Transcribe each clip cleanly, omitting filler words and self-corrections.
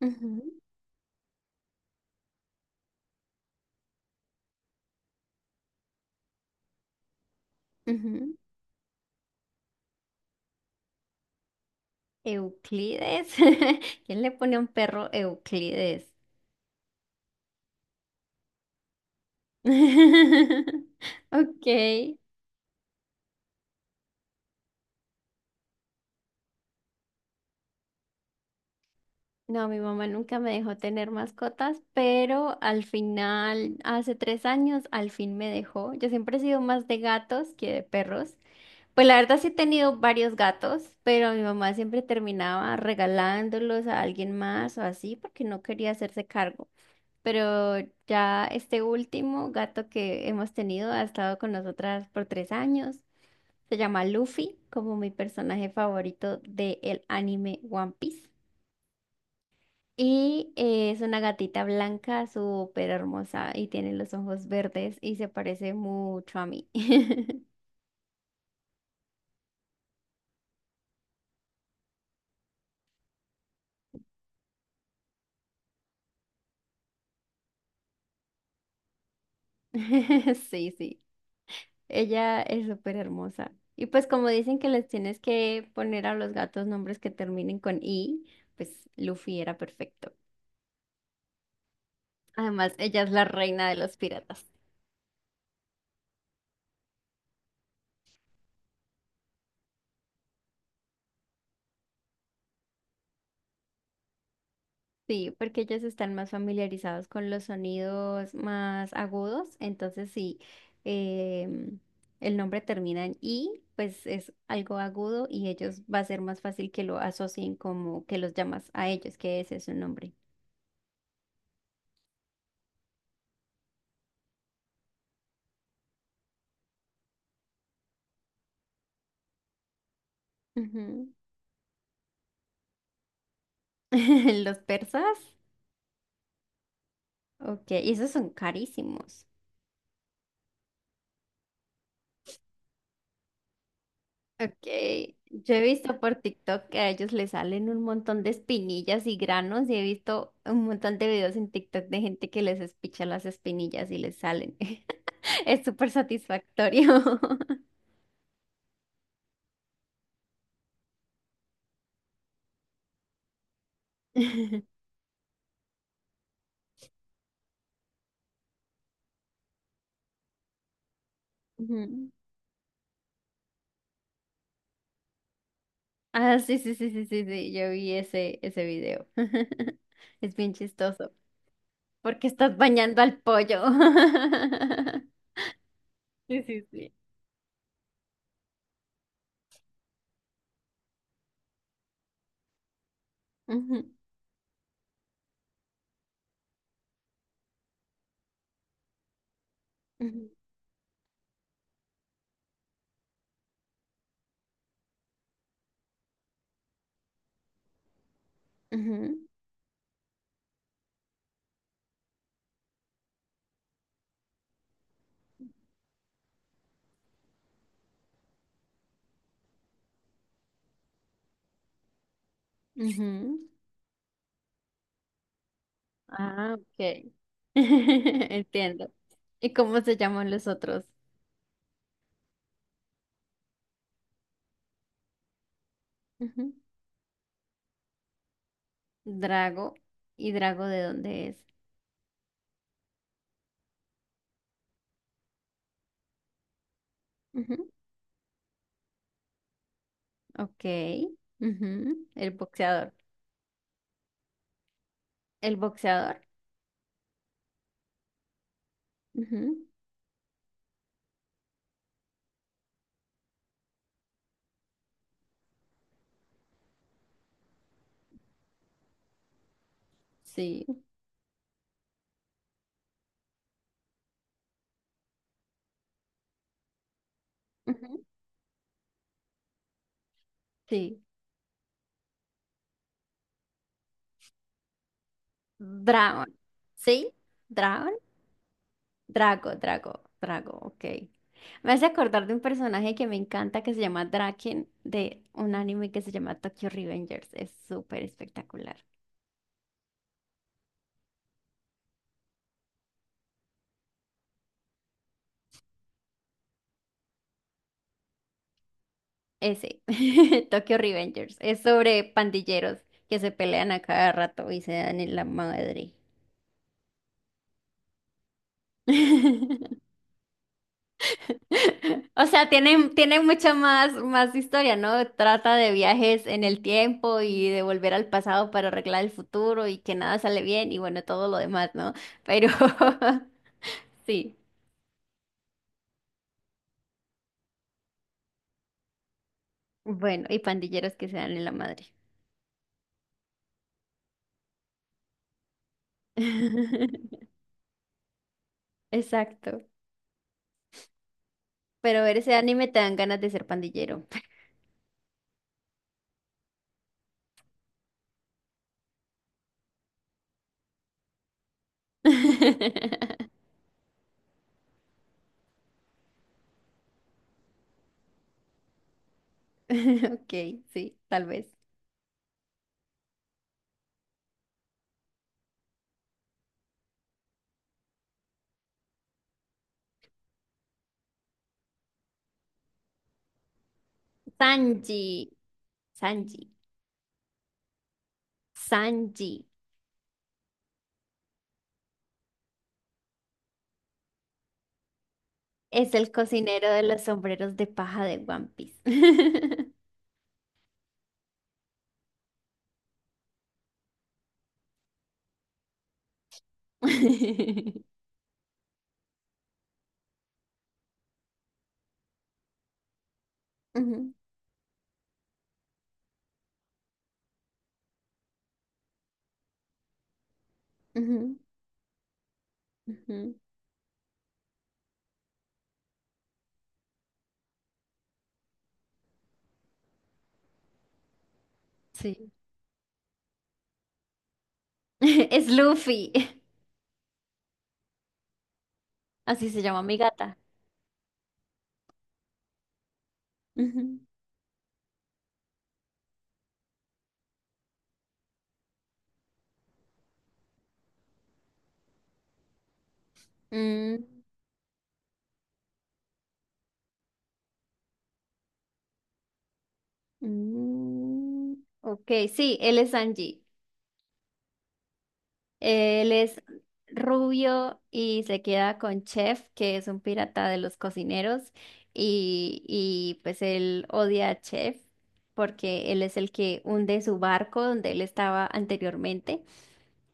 Ujú, ujú. Euclides. ¿Quién le pone a un perro Euclides? Ok. No, mi mamá nunca me dejó tener mascotas, pero al final, hace 3 años, al fin me dejó. Yo siempre he sido más de gatos que de perros. Pues la verdad sí he tenido varios gatos, pero mi mamá siempre terminaba regalándolos a alguien más o así porque no quería hacerse cargo. Pero ya este último gato que hemos tenido ha estado con nosotras por 3 años. Se llama Luffy, como mi personaje favorito del anime One Piece. Y es una gatita blanca, súper hermosa, y tiene los ojos verdes y se parece mucho a mí. Sí, sí. Ella es súper hermosa. Y pues como dicen que les tienes que poner a los gatos nombres que terminen con I, pues Luffy era perfecto. Además, ella es la reina de los piratas. Sí, porque ellos están más familiarizados con los sonidos más agudos. Entonces, sí, em, el nombre termina en I, pues es algo agudo y ellos va a ser más fácil que lo asocien como que los llamas a ellos, que ese es su nombre. Ujú. Los persas, ok, y esos son carísimos. Ok, yo he visto por TikTok que a ellos les salen un montón de espinillas y granos y he visto un montón de videos en TikTok de gente que les espicha las espinillas y les salen. Es súper satisfactorio. Ujú. Ah, sí, sí, sí, sí, sí, sí, yo vi ese video. Es bien chistoso porque estás bañando al pollo. Sí, sí, sí. Ujú, ujú, ujú, ujú. Ah, ok. Entiendo. ¿Y cómo se llaman los otros? Ujú. Drago. ¿Y Drago de dónde es? Ujú. Ok. Ujú. El boxeador. El boxeador. Ujú. Sí. Ujú. Sí. Dragon. ¿Sí? Dragon. Drago, Drago, Drago. Ok. Me hace acordar de un personaje que me encanta que se llama Draken de un anime que se llama Tokyo Revengers. Es súper espectacular. Ese, Tokyo Revengers, es sobre pandilleros que se pelean a cada rato y se dan en la madre. O sea, tiene mucha más, más historia, ¿no? Trata de viajes en el tiempo y de volver al pasado para arreglar el futuro y que nada sale bien y bueno, todo lo demás, ¿no? Pero sí, bueno, y pandilleros que se dan en la madre. Exacto. Pero ver ese anime te dan ganas de ser pandillero. Ok, sí, tal vez. Sanji, Sanji, Sanji es el cocinero de los sombreros de paja de One Piece. Ujú, ujú, ujú, sí. Es Luffy. Así se llama mi gata. Ujú. Mm, mm, ok, sí, él es Sanji. Él es rubio y se queda con Chef, que es un pirata de los cocineros, y pues él odia a Chef porque él es el que hunde su barco donde él estaba anteriormente.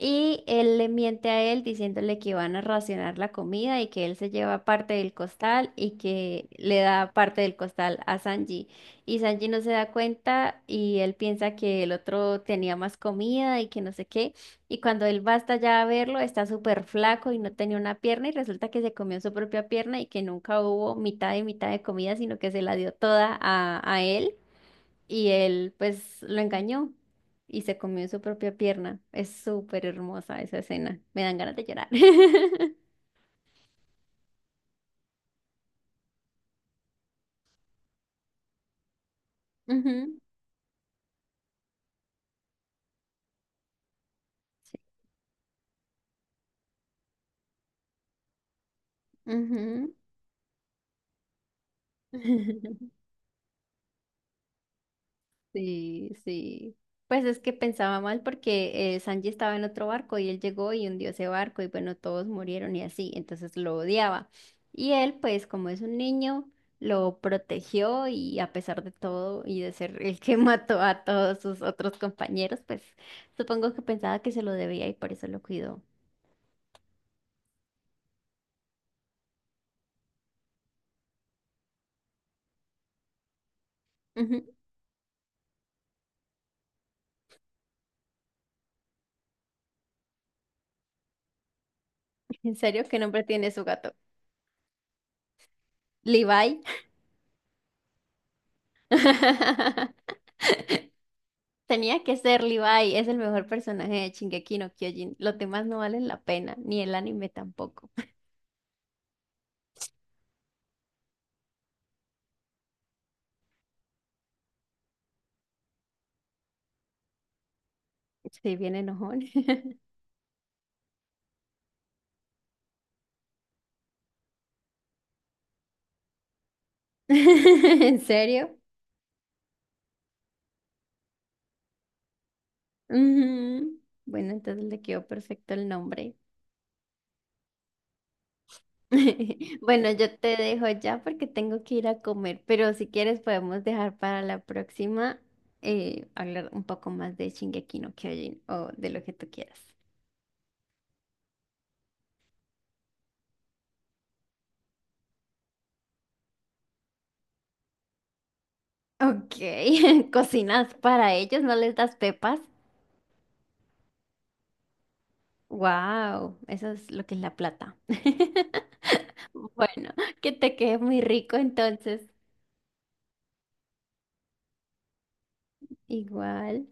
Y él le miente a él diciéndole que van a racionar la comida y que él se lleva parte del costal y que le da parte del costal a Sanji. Y Sanji no se da cuenta y él piensa que el otro tenía más comida y que no sé qué. Y cuando él va hasta allá a verlo, está súper flaco y no tenía una pierna y resulta que se comió su propia pierna y que nunca hubo mitad y mitad de comida, sino que se la dio toda a él. Y él pues lo engañó y se comió su propia pierna. Es súper hermosa esa escena. Me dan ganas de llorar. Ujú, sí, ujú. Sí, sí. Pues es que pensaba mal porque Sanji estaba en otro barco y él llegó y hundió ese barco y bueno, todos murieron y así, entonces lo odiaba. Y él, pues como es un niño, lo protegió y a pesar de todo y de ser el que mató a todos sus otros compañeros, pues supongo que pensaba que se lo debía y por eso lo cuidó. Ujú. ¿En serio? ¿Qué nombre tiene su gato? Levi. Tenía que ser Levi, es el mejor personaje de Shingeki no Kyojin. Los demás no valen la pena, ni el anime tampoco. Estoy bien enojón. ¿En serio? Ujú. Bueno, entonces le quedó perfecto el nombre. Bueno, yo te dejo ya porque tengo que ir a comer, pero si quieres podemos dejar para la próxima hablar un poco más de Shingeki no Kyojin o de lo que tú quieras. Ok, ¿cocinas para ellos? ¿No les das pepas? Wow, eso es lo que es la plata. Bueno, que te quede muy rico entonces. Igual.